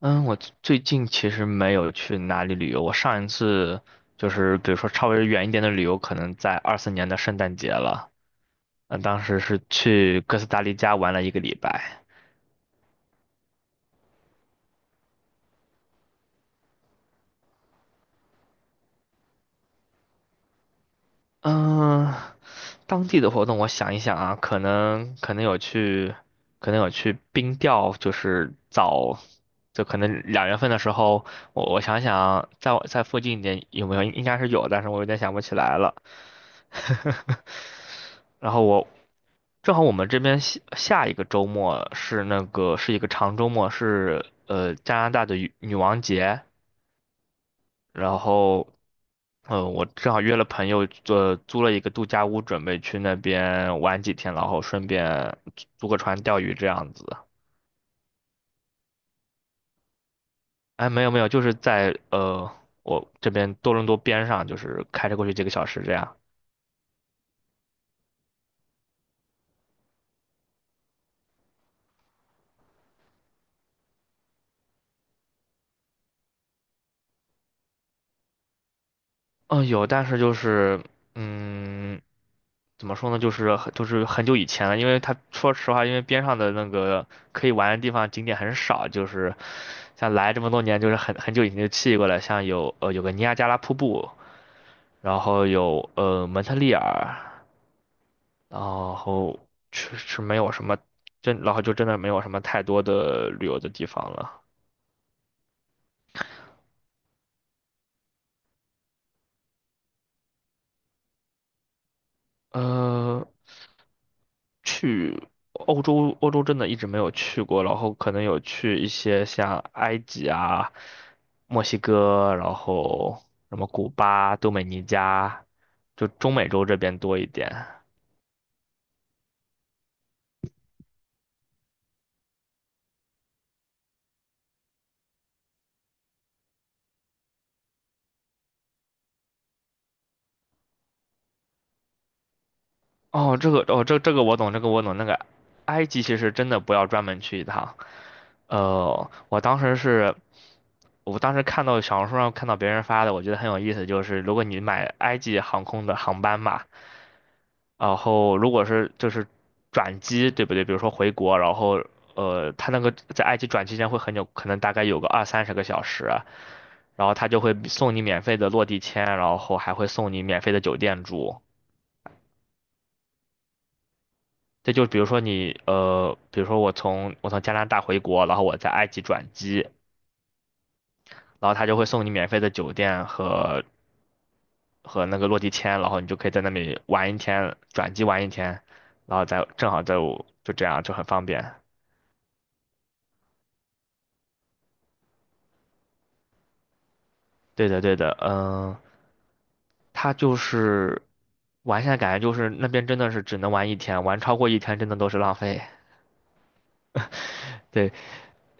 嗯，我最近其实没有去哪里旅游。我上一次就是，比如说稍微远一点的旅游，可能在24年的圣诞节了。当时是去哥斯达黎加玩了一个礼拜。嗯，当地的活动，我想一想啊，可能有去，可能有去冰钓，就是早，就可能2月份的时候，我想想啊，在附近一点有没有，应该是有，但是我有点想不起来了。然后我正好我们这边下一个周末是一个长周末，是加拿大的女王节，然后我正好约了朋友租了一个度假屋，准备去那边玩几天，然后顺便租个船钓鱼这样子。哎，没有没有，就是在我这边多伦多边上，就是开车过去几个小时这样。嗯、有，但是就是嗯，怎么说呢，就是很久以前了，因为他说实话，因为边上的那个可以玩的地方景点很少，就是像来这么多年，就是很久以前就去过了，像有个尼亚加拉瀑布，然后有蒙特利尔，然后确实没有什么，然后就真的没有什么太多的旅游的地方了。呃，欧洲真的一直没有去过，然后可能有去一些像埃及啊、墨西哥，然后什么古巴、多美尼加，就中美洲这边多一点。哦，这个我懂，这个我懂。那个埃及其实真的不要专门去一趟。呃，我当时是，我当时看到小红书上看到别人发的，我觉得很有意思，就是如果你买埃及航空的航班嘛，然后如果是就是转机，对不对？比如说回国，然后他那个在埃及转期间会很久，可能大概有个二三十个小时啊，然后他就会送你免费的落地签，然后还会送你免费的酒店住。这就比如说你比如说我从加拿大回国，然后我在埃及转机。然后他就会送你免费的酒店和和那个落地签，然后你就可以在那里玩一天，转机玩一天，然后再正好再，就这样就很方便。对的，对的，嗯，他就是玩下来感觉就是那边真的是只能玩一天，玩超过一天真的都是浪费。对，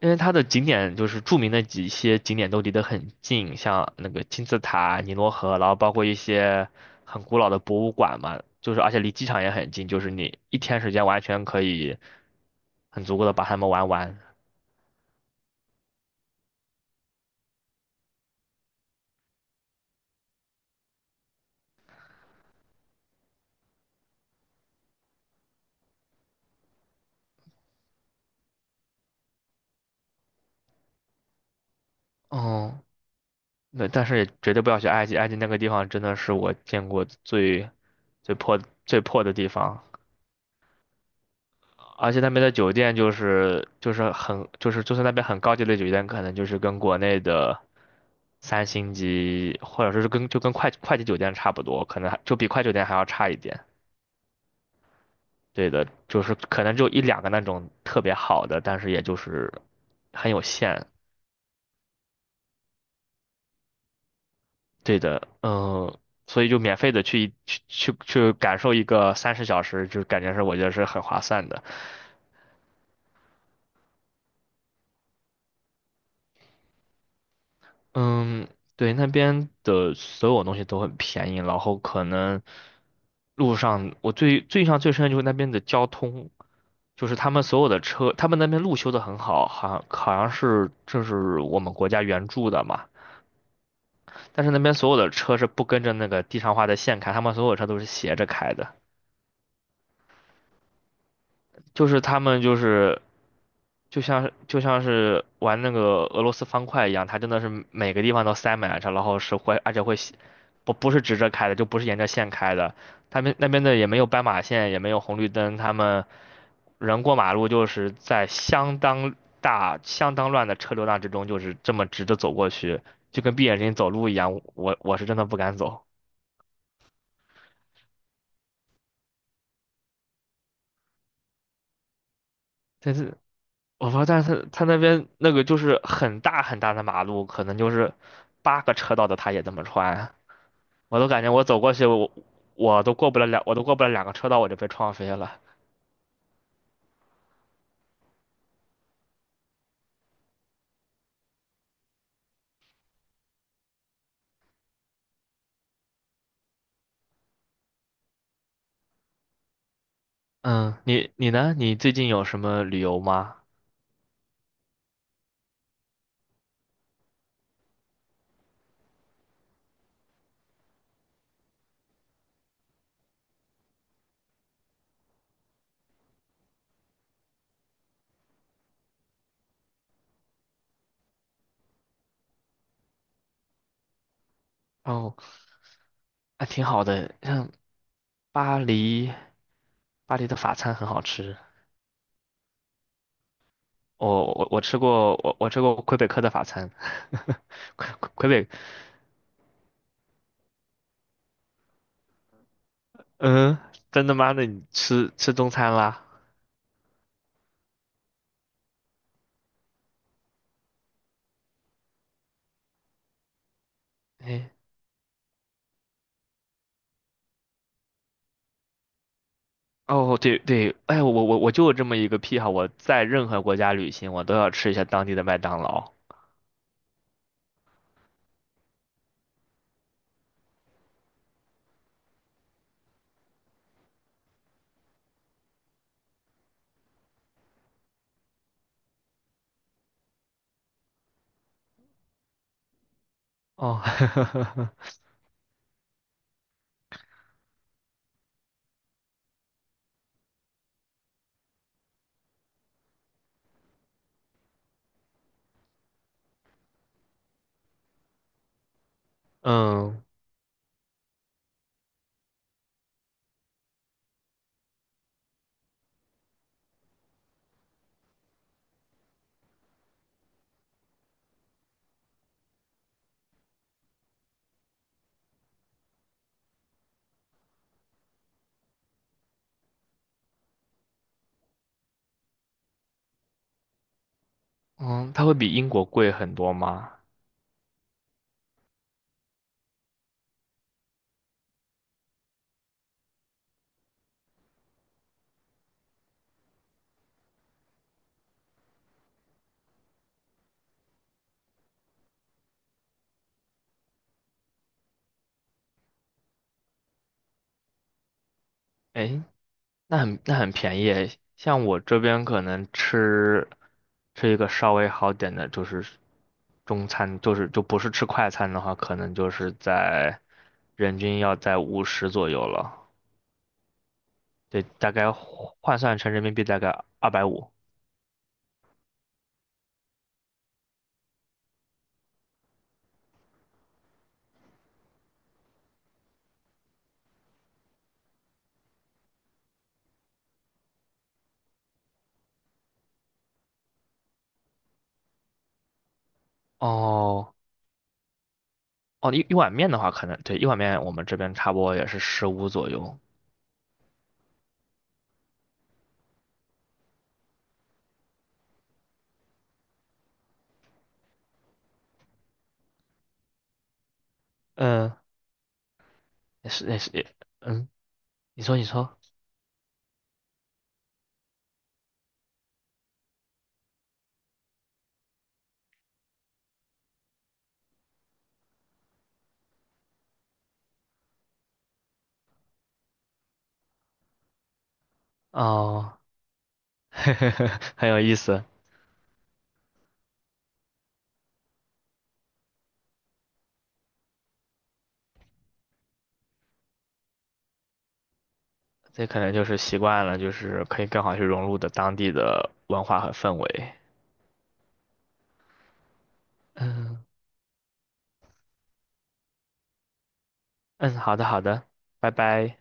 因为它的景点就是著名的几些景点都离得很近，像那个金字塔、尼罗河，然后包括一些很古老的博物馆嘛，就是而且离机场也很近，就是你一天时间完全可以很足够的把它们玩完。哦，那但是也绝对不要去埃及，埃及那个地方真的是我见过最破最破的地方。而且那边的酒店就是就是很就是就算那边很高级的酒店，可能就是跟国内的三星级或者说是跟快捷酒店差不多，可能还就比快捷酒店还要差一点。对的，就是可能就一两个那种特别好的，但是也就是很有限。对的，嗯，所以就免费的去感受一个30小时，就感觉是我觉得是很划算的。嗯，对，那边的所有东西都很便宜，然后可能路上我最印象最深的就是那边的交通，就是他们所有的车，他们那边路修的很好，好像是这是我们国家援助的嘛，但是那边所有的车是不跟着那个地上画的线开，他们所有车都是斜着开的，就是他们就是。就像是玩那个俄罗斯方块一样，它真的是每个地方都塞满了，然后是会，而且会斜不是直着开的，就不是沿着线开的。他们那边的也没有斑马线，也没有红绿灯，他们人过马路就是在相当大、相当乱的车流量之中，就是这么直着走过去，就跟闭眼睛走路一样。我是真的不敢走，但是我不知道，但是他那边那个就是很大很大的马路，可能就是8个车道的，他也这么穿。我都感觉我走过去，我都过不了2个车道，我就被撞飞了。嗯，你呢？你最近有什么旅游吗？哦，还挺好的，像巴黎，巴黎的法餐很好吃。我吃过，我吃过魁北克的法餐，魁魁北，嗯，真的妈的，那你吃中餐啦？哎，哦，对对，哎，我就有这么一个癖好，我在任何国家旅行，我都要吃一下当地的麦当劳。哦，嗯嗯，它会比英国贵很多吗？诶，那很便宜诶，像我这边可能吃一个稍微好点的，就是中餐，就不是吃快餐的话，可能就是在人均要在50左右了，对，大概换算成人民币大概250。哦哦，一碗面的话，可能对一碗面我们这边差不多也是15左右。嗯，也是。嗯，你说你说。哦，很有意思，这可能就是习惯了，就是可以更好去融入的当地的文化和氛围。嗯，好的，好的，拜拜。